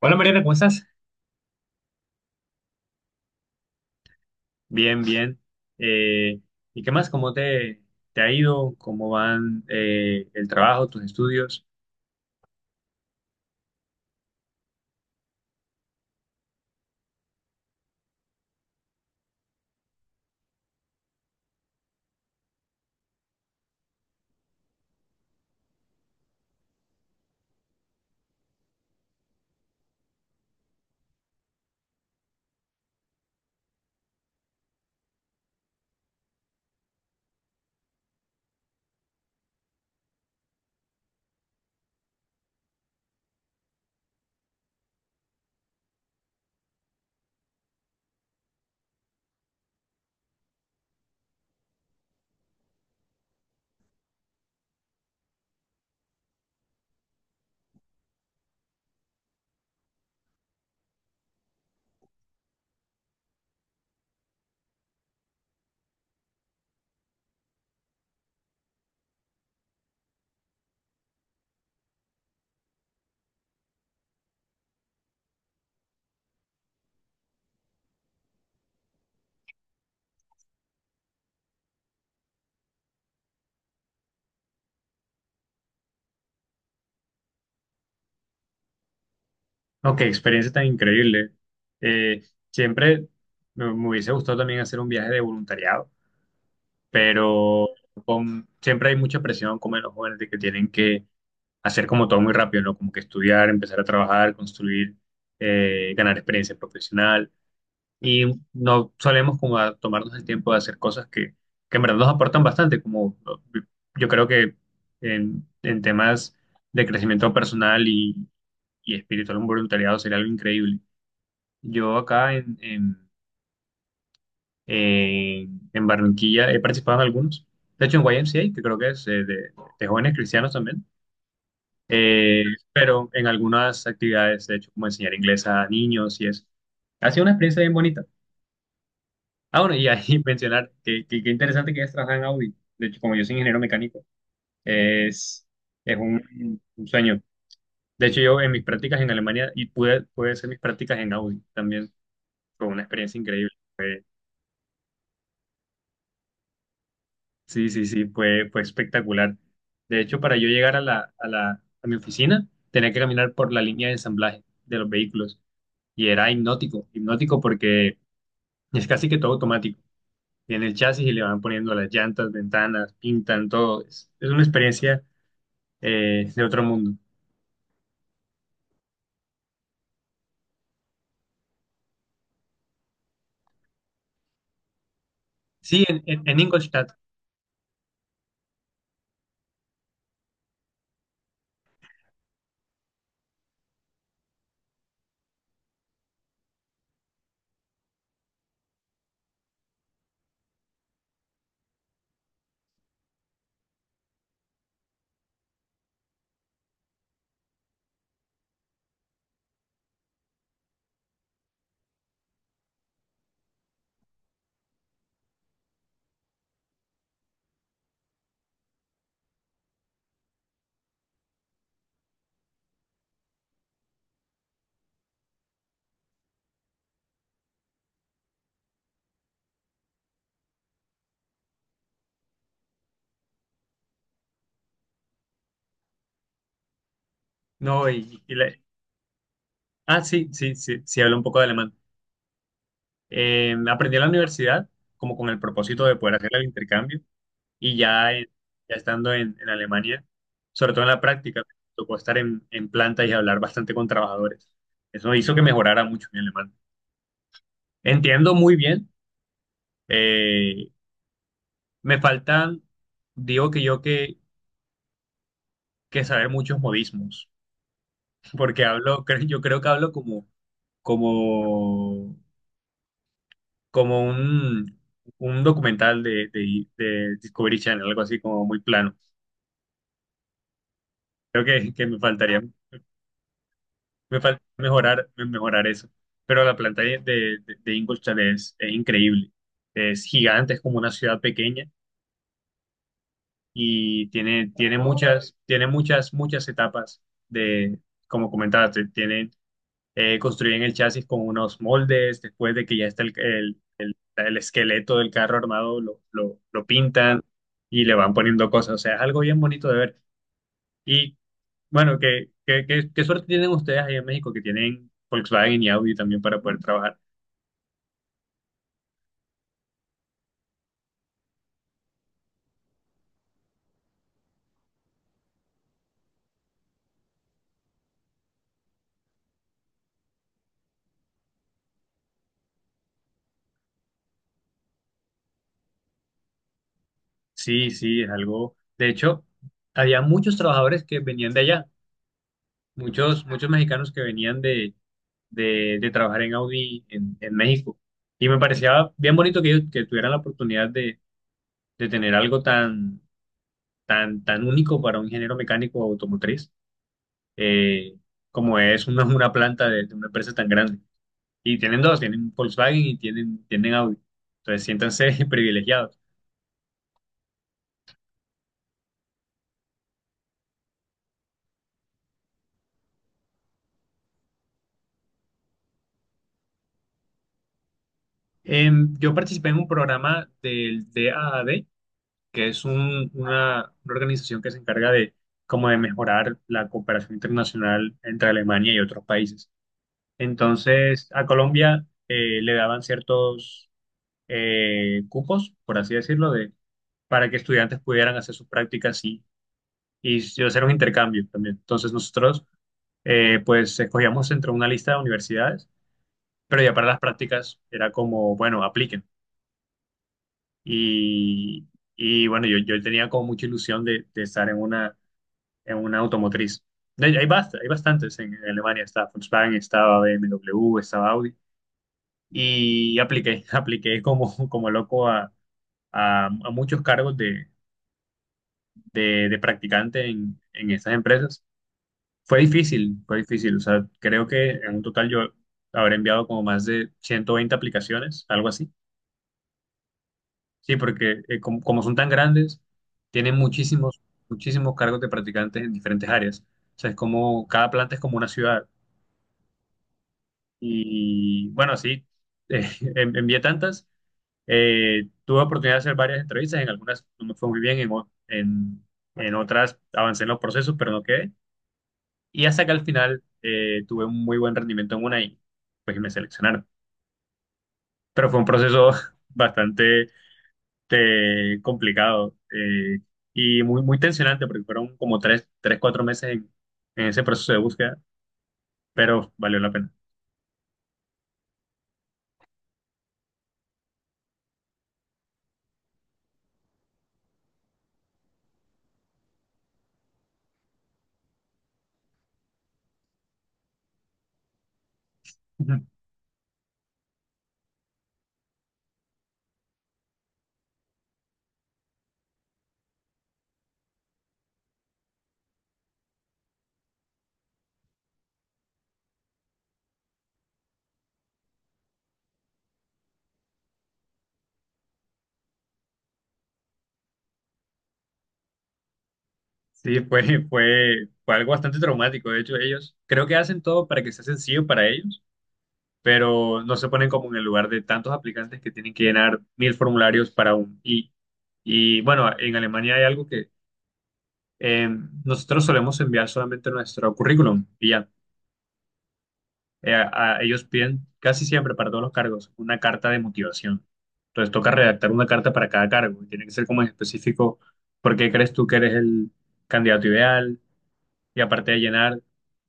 Hola Mariana, ¿cómo estás? Bien, bien. Eh, ¿Y qué más? ¿Te ha ido? ¿Cómo van el trabajo, tus estudios? No, qué experiencia tan increíble. Eh, siempre me hubiese gustado también hacer un viaje de voluntariado, pero siempre hay mucha presión como en los jóvenes de que tienen que hacer como todo muy rápido, ¿no? Como que estudiar, empezar a trabajar, construir, ganar experiencia profesional. Y no solemos como a tomarnos el tiempo de hacer cosas que en verdad nos aportan bastante, como, ¿no? Yo creo que en temas de crecimiento personal y espiritual, un voluntariado sería algo increíble. Yo acá en Barranquilla he participado en algunos, de hecho en Y M C A, que creo que es de jóvenes cristianos también, eh, pero en algunas actividades, de hecho, como enseñar inglés a niños y eso. Ha sido una experiencia bien bonita. Ah, bueno, y ahí mencionar qué interesante que hayas trabajado en Audi. De hecho, como yo soy ingeniero mecánico, es, es un sueño. De hecho, yo en mis prácticas en Alemania y pude hacer mis prácticas en Audi también. Fue una experiencia increíble. Fue- sí, fue, fue espectacular. De hecho, para yo llegar a a mi oficina, tenía que caminar por la línea de ensamblaje de los vehículos. Y era hipnótico, hipnótico porque es casi que todo automático. Viene el chasis y le van poniendo las llantas, ventanas, pintan todo. Es una experiencia de otro mundo. Sí, en Ingolstadt. No, y la- ah, Sí, hablo un poco de alemán. Aprendí en la universidad como con el propósito de poder hacer el intercambio y ya, ya estando en Alemania, sobre todo en la práctica, me tocó estar en planta y hablar bastante con trabajadores. Eso hizo que mejorara mucho mi alemán. Entiendo muy bien. eh, me faltan, digo que que saber muchos modismos, porque hablo, yo creo que hablo como como, como un documental de Discovery Channel, algo así como muy plano. Creo que me faltaría, me falta mejorar, mejorar eso. Pero la planta de Ingolstadt es increíble. Es gigante, es como una ciudad pequeña y tiene, tiene muchas, muchas etapas de, como comentaste, tiene construyen el chasis con unos moldes, después de que ya está el esqueleto del carro armado, lo pintan y le van poniendo cosas. O sea, es algo bien bonito de ver. Y bueno, ¿qué suerte tienen ustedes ahí en México que tienen Volkswagen y Audi también para poder trabajar? Sí, sí, es algo. De hecho, había muchos trabajadores que venían de allá, muchos, muchos mexicanos que venían de trabajar en Audi en México. Y me parecía bien bonito que ellos que tuvieran la oportunidad de tener algo tan, tan, tan único para un ingeniero mecánico automotriz, eh, como es una planta de una empresa tan grande. Y tienen dos, tienen Volkswagen y tienen, tienen Audi. Entonces, siéntanse privilegiados. Yo participé en un programa del DAAD, que es una organización que se encarga de, como de mejorar la cooperación internacional entre Alemania y otros países. Entonces, a Colombia, le daban ciertos, cupos, por así decirlo, para que estudiantes pudieran hacer sus prácticas y hacer un intercambio también. Entonces nosotros, pues escogíamos entre una lista de universidades, pero ya para las prácticas era como, bueno, apliquen. Y, y bueno, yo tenía como mucha ilusión de estar en en una automotriz. Hay, hay bastantes en Alemania, está Volkswagen, estaba BMW, estaba Audi, y apliqué, apliqué como, como loco a muchos cargos de practicante en estas empresas. Fue difícil, fue difícil. O sea, creo que en un total yo habré enviado como más de 120 aplicaciones, algo así. Sí, porque como son tan grandes, tienen muchísimos, muchísimos cargos de practicantes en diferentes áreas. O sea, es como, cada planta es como una ciudad. Y bueno, sí, eh, envié tantas. Tuve oportunidad de hacer varias entrevistas. En algunas no me fue muy bien, en otras avancé en los procesos, pero no quedé. Y hasta que al final, tuve un muy buen rendimiento en una y pues me seleccionaron. Pero fue un proceso bastante complicado, y muy, muy tensionante porque fueron como cuatro meses en ese proceso de búsqueda, pero valió la pena. Sí, fue, fue, fue algo bastante traumático. De hecho, ellos creo que hacen todo para que sea sencillo para ellos, pero no se ponen como en el lugar de tantos aplicantes que tienen que llenar mil formularios para un... y bueno, en Alemania hay algo, eh, nosotros solemos enviar solamente nuestro currículum y ya. Ellos piden casi siempre para todos los cargos una carta de motivación. Entonces toca redactar una carta para cada cargo y tiene que ser como en específico por qué crees tú que eres el candidato ideal y aparte de llenar.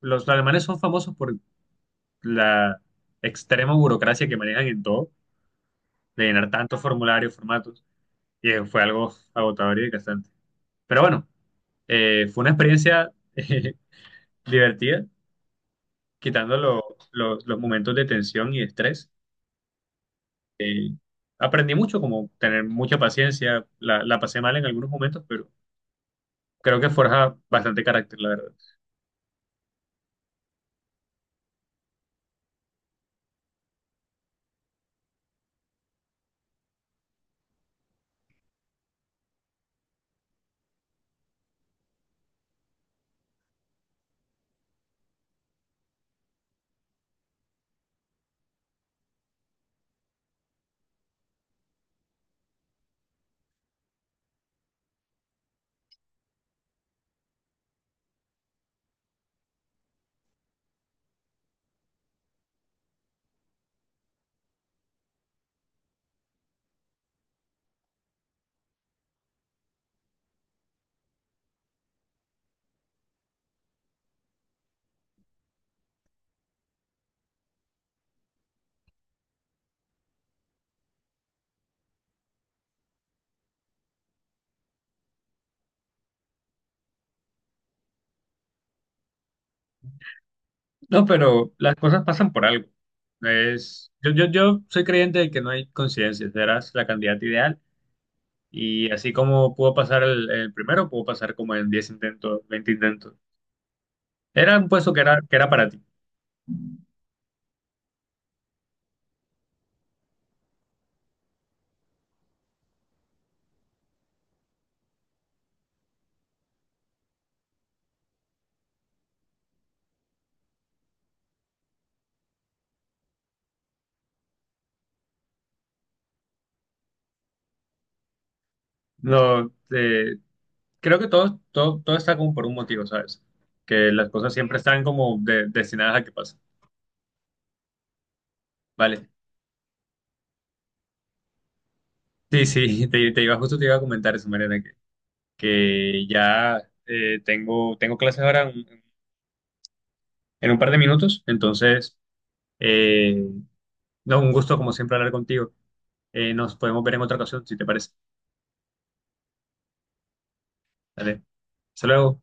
Los alemanes son famosos por la extrema burocracia que manejan en todo, de llenar tantos formularios, formatos, y fue algo agotador y desgastante. Pero bueno, fue una experiencia divertida quitando los momentos de tensión y estrés. eh, aprendí mucho, como tener mucha paciencia. La pasé mal en algunos momentos, pero creo que forja bastante carácter, la verdad. No, pero las cosas pasan por algo. Yo soy creyente de que no hay coincidencias, serás la candidata ideal. Y así como pudo pasar el primero, pudo pasar como en 10 intentos, 20 intentos. Era un puesto que era para ti. No, creo que todo, todo, todo está como por un motivo, ¿sabes? Que las cosas siempre están como destinadas a que pasen. Vale. Sí, sí, te iba, justo te iba a comentar eso, Mariana, que ya, tengo, tengo clases ahora en un par de minutos, entonces, eh, no, un gusto como siempre hablar contigo. Nos podemos ver en otra ocasión, si te parece. Vale. Hasta luego.